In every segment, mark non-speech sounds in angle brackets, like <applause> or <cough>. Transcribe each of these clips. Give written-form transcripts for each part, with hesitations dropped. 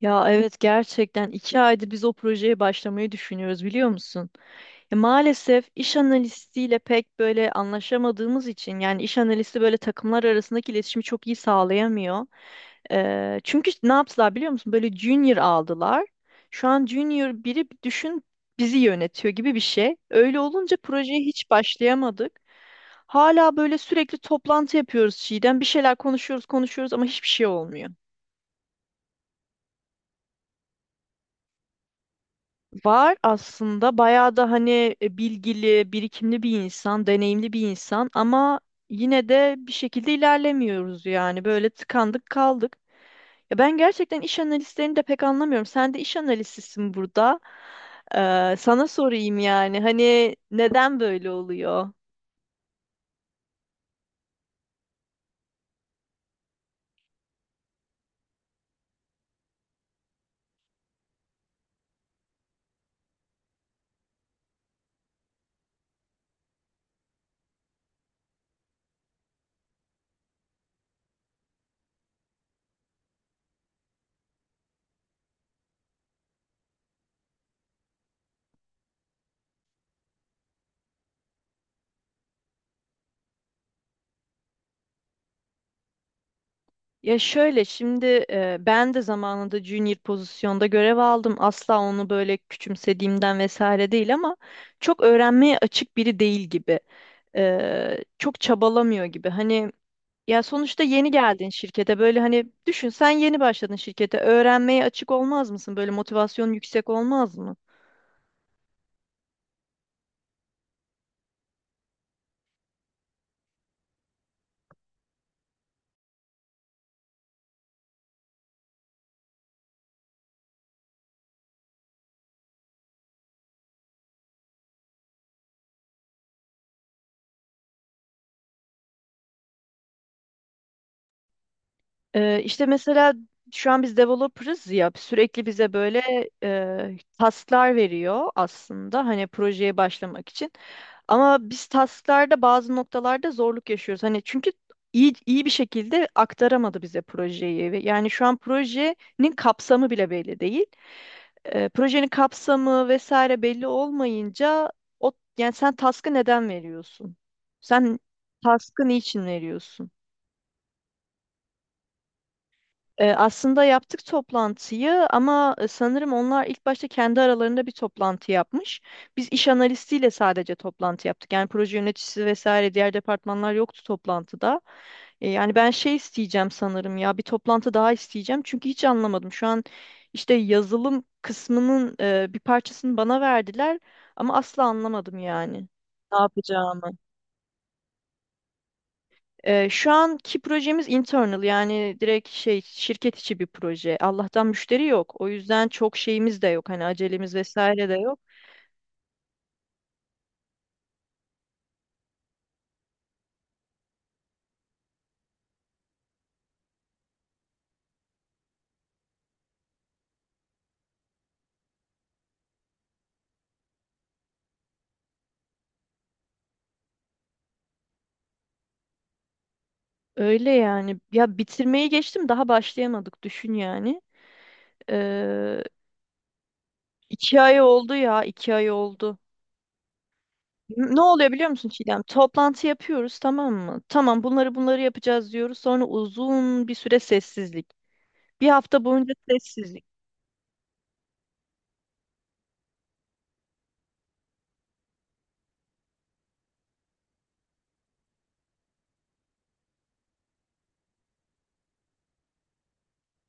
Ya evet gerçekten 2 aydır biz o projeye başlamayı düşünüyoruz biliyor musun? Ya maalesef iş analistiyle pek böyle anlaşamadığımız için yani iş analisti böyle takımlar arasındaki iletişimi çok iyi sağlayamıyor. Çünkü ne yaptılar biliyor musun? Böyle junior aldılar. Şu an junior biri düşün bizi yönetiyor gibi bir şey. Öyle olunca projeye hiç başlayamadık. Hala böyle sürekli toplantı yapıyoruz Çiğdem. Bir şeyler konuşuyoruz konuşuyoruz ama hiçbir şey olmuyor. Var aslında bayağı da hani bilgili, birikimli bir insan, deneyimli bir insan ama yine de bir şekilde ilerlemiyoruz yani böyle tıkandık kaldık. Ya ben gerçekten iş analistlerini de pek anlamıyorum. Sen de iş analistisin burada. Sana sorayım yani hani neden böyle oluyor? Ya şöyle şimdi ben de zamanında junior pozisyonda görev aldım. Asla onu böyle küçümsediğimden vesaire değil ama çok öğrenmeye açık biri değil gibi. Çok çabalamıyor gibi. Hani ya sonuçta yeni geldin şirkete böyle hani düşün sen yeni başladın şirkete öğrenmeye açık olmaz mısın? Böyle motivasyon yüksek olmaz mı? İşte mesela şu an biz developer'ız ya sürekli bize böyle task'lar veriyor aslında hani projeye başlamak için. Ama biz task'larda bazı noktalarda zorluk yaşıyoruz. Hani çünkü iyi bir şekilde aktaramadı bize projeyi. Ve yani şu an projenin kapsamı bile belli değil. Projenin kapsamı vesaire belli olmayınca o yani sen task'ı neden veriyorsun? Sen task'ı niçin veriyorsun? Aslında yaptık toplantıyı ama sanırım onlar ilk başta kendi aralarında bir toplantı yapmış. Biz iş analistiyle sadece toplantı yaptık. Yani proje yöneticisi vesaire diğer departmanlar yoktu toplantıda. Yani ben şey isteyeceğim sanırım ya bir toplantı daha isteyeceğim. Çünkü hiç anlamadım. Şu an işte yazılım kısmının bir parçasını bana verdiler ama asla anlamadım yani. Ne yapacağımı. Şu anki projemiz internal yani direkt şey şirket içi bir proje. Allah'tan müşteri yok. O yüzden çok şeyimiz de yok. Hani acelemiz vesaire de yok. Öyle yani. Ya bitirmeyi geçtim daha başlayamadık düşün yani. Ee, 2 ay oldu ya 2 ay oldu. Ne oluyor biliyor musun Çiğdem? Toplantı yapıyoruz tamam mı? Tamam bunları bunları yapacağız diyoruz. Sonra uzun bir süre sessizlik. 1 hafta boyunca sessizlik.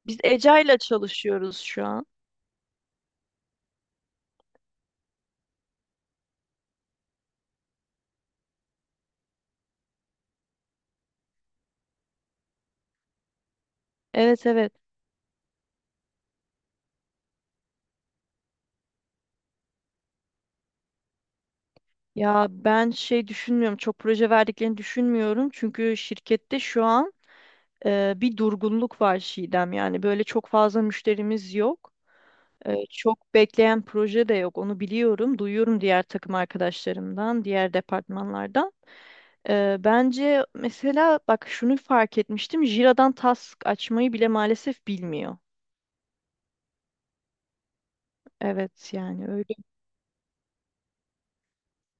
Biz Eca'yla ile çalışıyoruz şu an. Evet, evet. Ya ben şey düşünmüyorum. Çok proje verdiklerini düşünmüyorum. Çünkü şirkette şu an bir durgunluk var Çiğdem. Yani böyle çok fazla müşterimiz yok. Çok bekleyen proje de yok. Onu biliyorum. Duyuyorum diğer takım arkadaşlarımdan, diğer departmanlardan. Bence mesela bak şunu fark etmiştim. Jira'dan task açmayı bile maalesef bilmiyor. Evet yani öyle.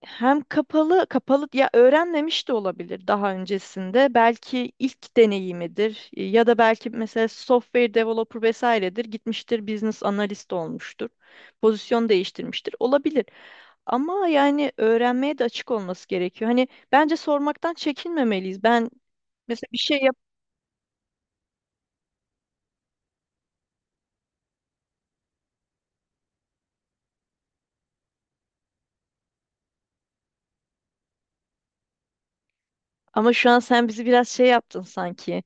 Hem kapalı kapalı ya öğrenmemiş de olabilir daha öncesinde. Belki ilk deneyimidir ya da belki mesela software developer vesairedir. Gitmiştir business analist olmuştur. Pozisyon değiştirmiştir. Olabilir. Ama yani öğrenmeye de açık olması gerekiyor. Hani bence sormaktan çekinmemeliyiz. Ben mesela bir şey yap ama şu an sen bizi biraz şey yaptın sanki.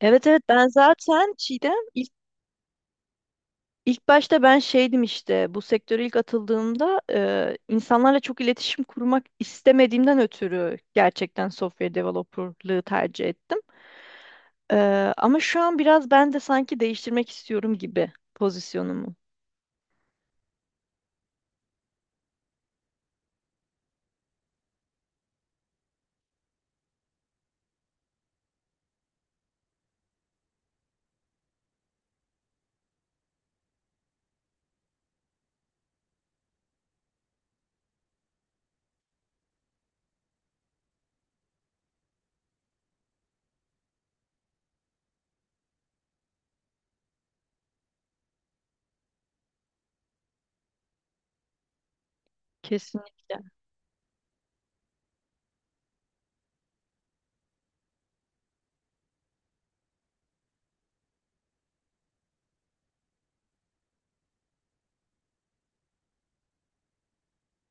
Evet, evet ben zaten Çiğdem ilk, ilk başta ben şeydim işte bu sektöre ilk atıldığımda insanlarla çok iletişim kurmak istemediğimden ötürü gerçekten software developerlığı tercih ettim. E, Ama şu an biraz ben de sanki değiştirmek istiyorum gibi pozisyonumu. Kesinlikle.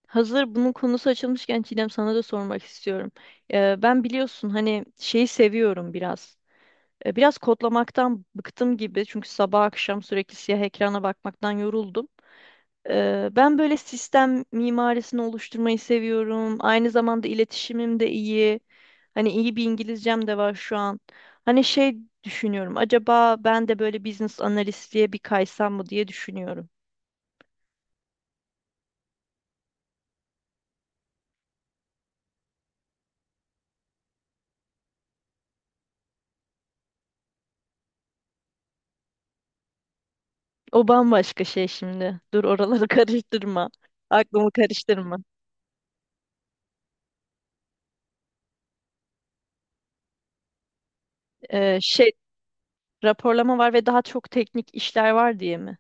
Hazır bunun konusu açılmışken Çiğdem sana da sormak istiyorum. Ben biliyorsun hani şeyi seviyorum biraz. Biraz kodlamaktan bıktım gibi çünkü sabah akşam sürekli siyah ekrana bakmaktan yoruldum. Ben böyle sistem mimarisini oluşturmayı seviyorum. Aynı zamanda iletişimim de iyi. Hani iyi bir İngilizcem de var şu an. Hani şey düşünüyorum. Acaba ben de böyle business analistliğe bir kaysam mı diye düşünüyorum. O bambaşka şey şimdi. Dur oraları <laughs> karıştırma. Aklımı karıştırma. Ee, şey Raporlama var ve daha çok teknik işler var diye mi?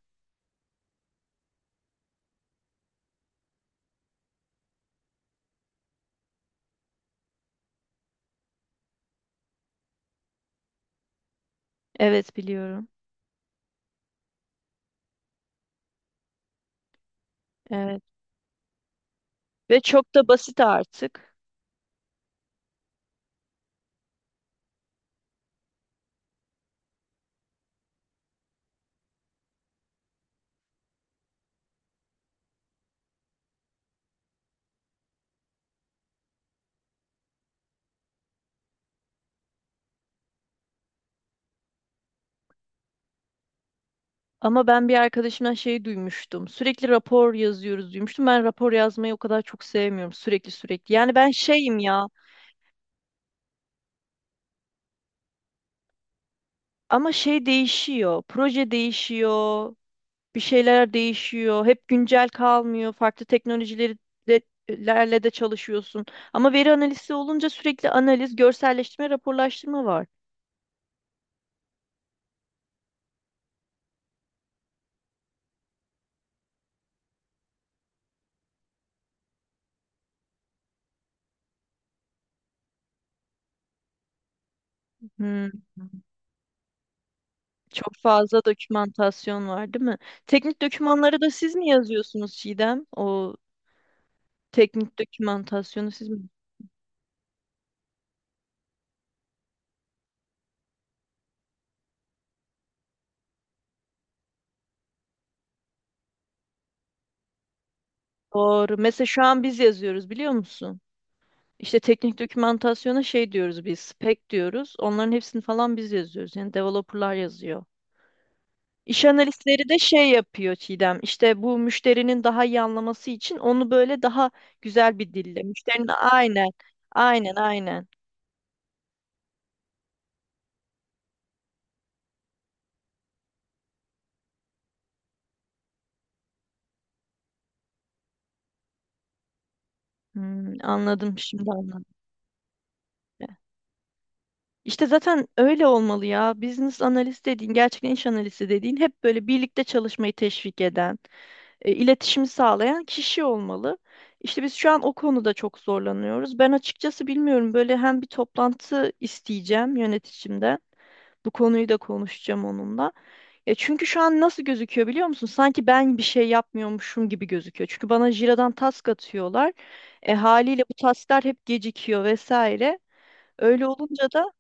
Evet biliyorum. Evet. Ve çok da basit artık. Ama ben bir arkadaşımdan şeyi duymuştum. Sürekli rapor yazıyoruz duymuştum. Ben rapor yazmayı o kadar çok sevmiyorum. Sürekli sürekli. Yani ben şeyim ya. Ama şey değişiyor. Proje değişiyor. Bir şeyler değişiyor. Hep güncel kalmıyor. Farklı teknolojileri de, lerle de çalışıyorsun. Ama veri analizi olunca sürekli analiz, görselleştirme, raporlaştırma var. Hmm. Çok fazla dokümantasyon var, değil mi? Teknik dokümanları da siz mi yazıyorsunuz Çiğdem? O teknik dokümantasyonu siz mi? Doğru. Mesela şu an biz yazıyoruz biliyor musun? İşte teknik dokümantasyona şey diyoruz biz, spec diyoruz. Onların hepsini falan biz yazıyoruz. Yani developerlar yazıyor. İş analistleri de şey yapıyor Çiğdem. İşte bu müşterinin daha iyi anlaması için onu böyle daha güzel bir dille. Müşterinin aynen, aynen, aynen. Hmm, anladım şimdi anladım. İşte zaten öyle olmalı ya. Business analist dediğin, gerçekten iş analisti dediğin hep böyle birlikte çalışmayı teşvik eden, iletişimi sağlayan kişi olmalı. İşte biz şu an o konuda çok zorlanıyoruz. Ben açıkçası bilmiyorum böyle hem bir toplantı isteyeceğim yöneticimden. Bu konuyu da konuşacağım onunla. Ya çünkü şu an nasıl gözüküyor biliyor musun? Sanki ben bir şey yapmıyormuşum gibi gözüküyor. Çünkü bana Jira'dan task atıyorlar. Haliyle bu tasklar hep gecikiyor vesaire. Öyle olunca da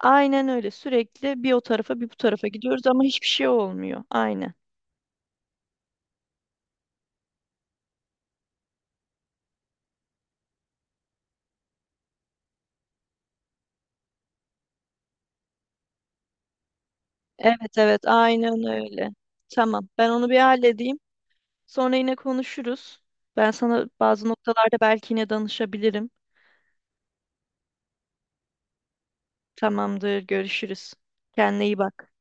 aynen öyle. Sürekli bir o tarafa bir bu tarafa gidiyoruz ama hiçbir şey olmuyor. Aynen. Evet, evet aynen öyle. Tamam. Ben onu bir halledeyim. Sonra yine konuşuruz. Ben sana bazı noktalarda belki yine danışabilirim. Tamamdır. Görüşürüz. Kendine iyi bak.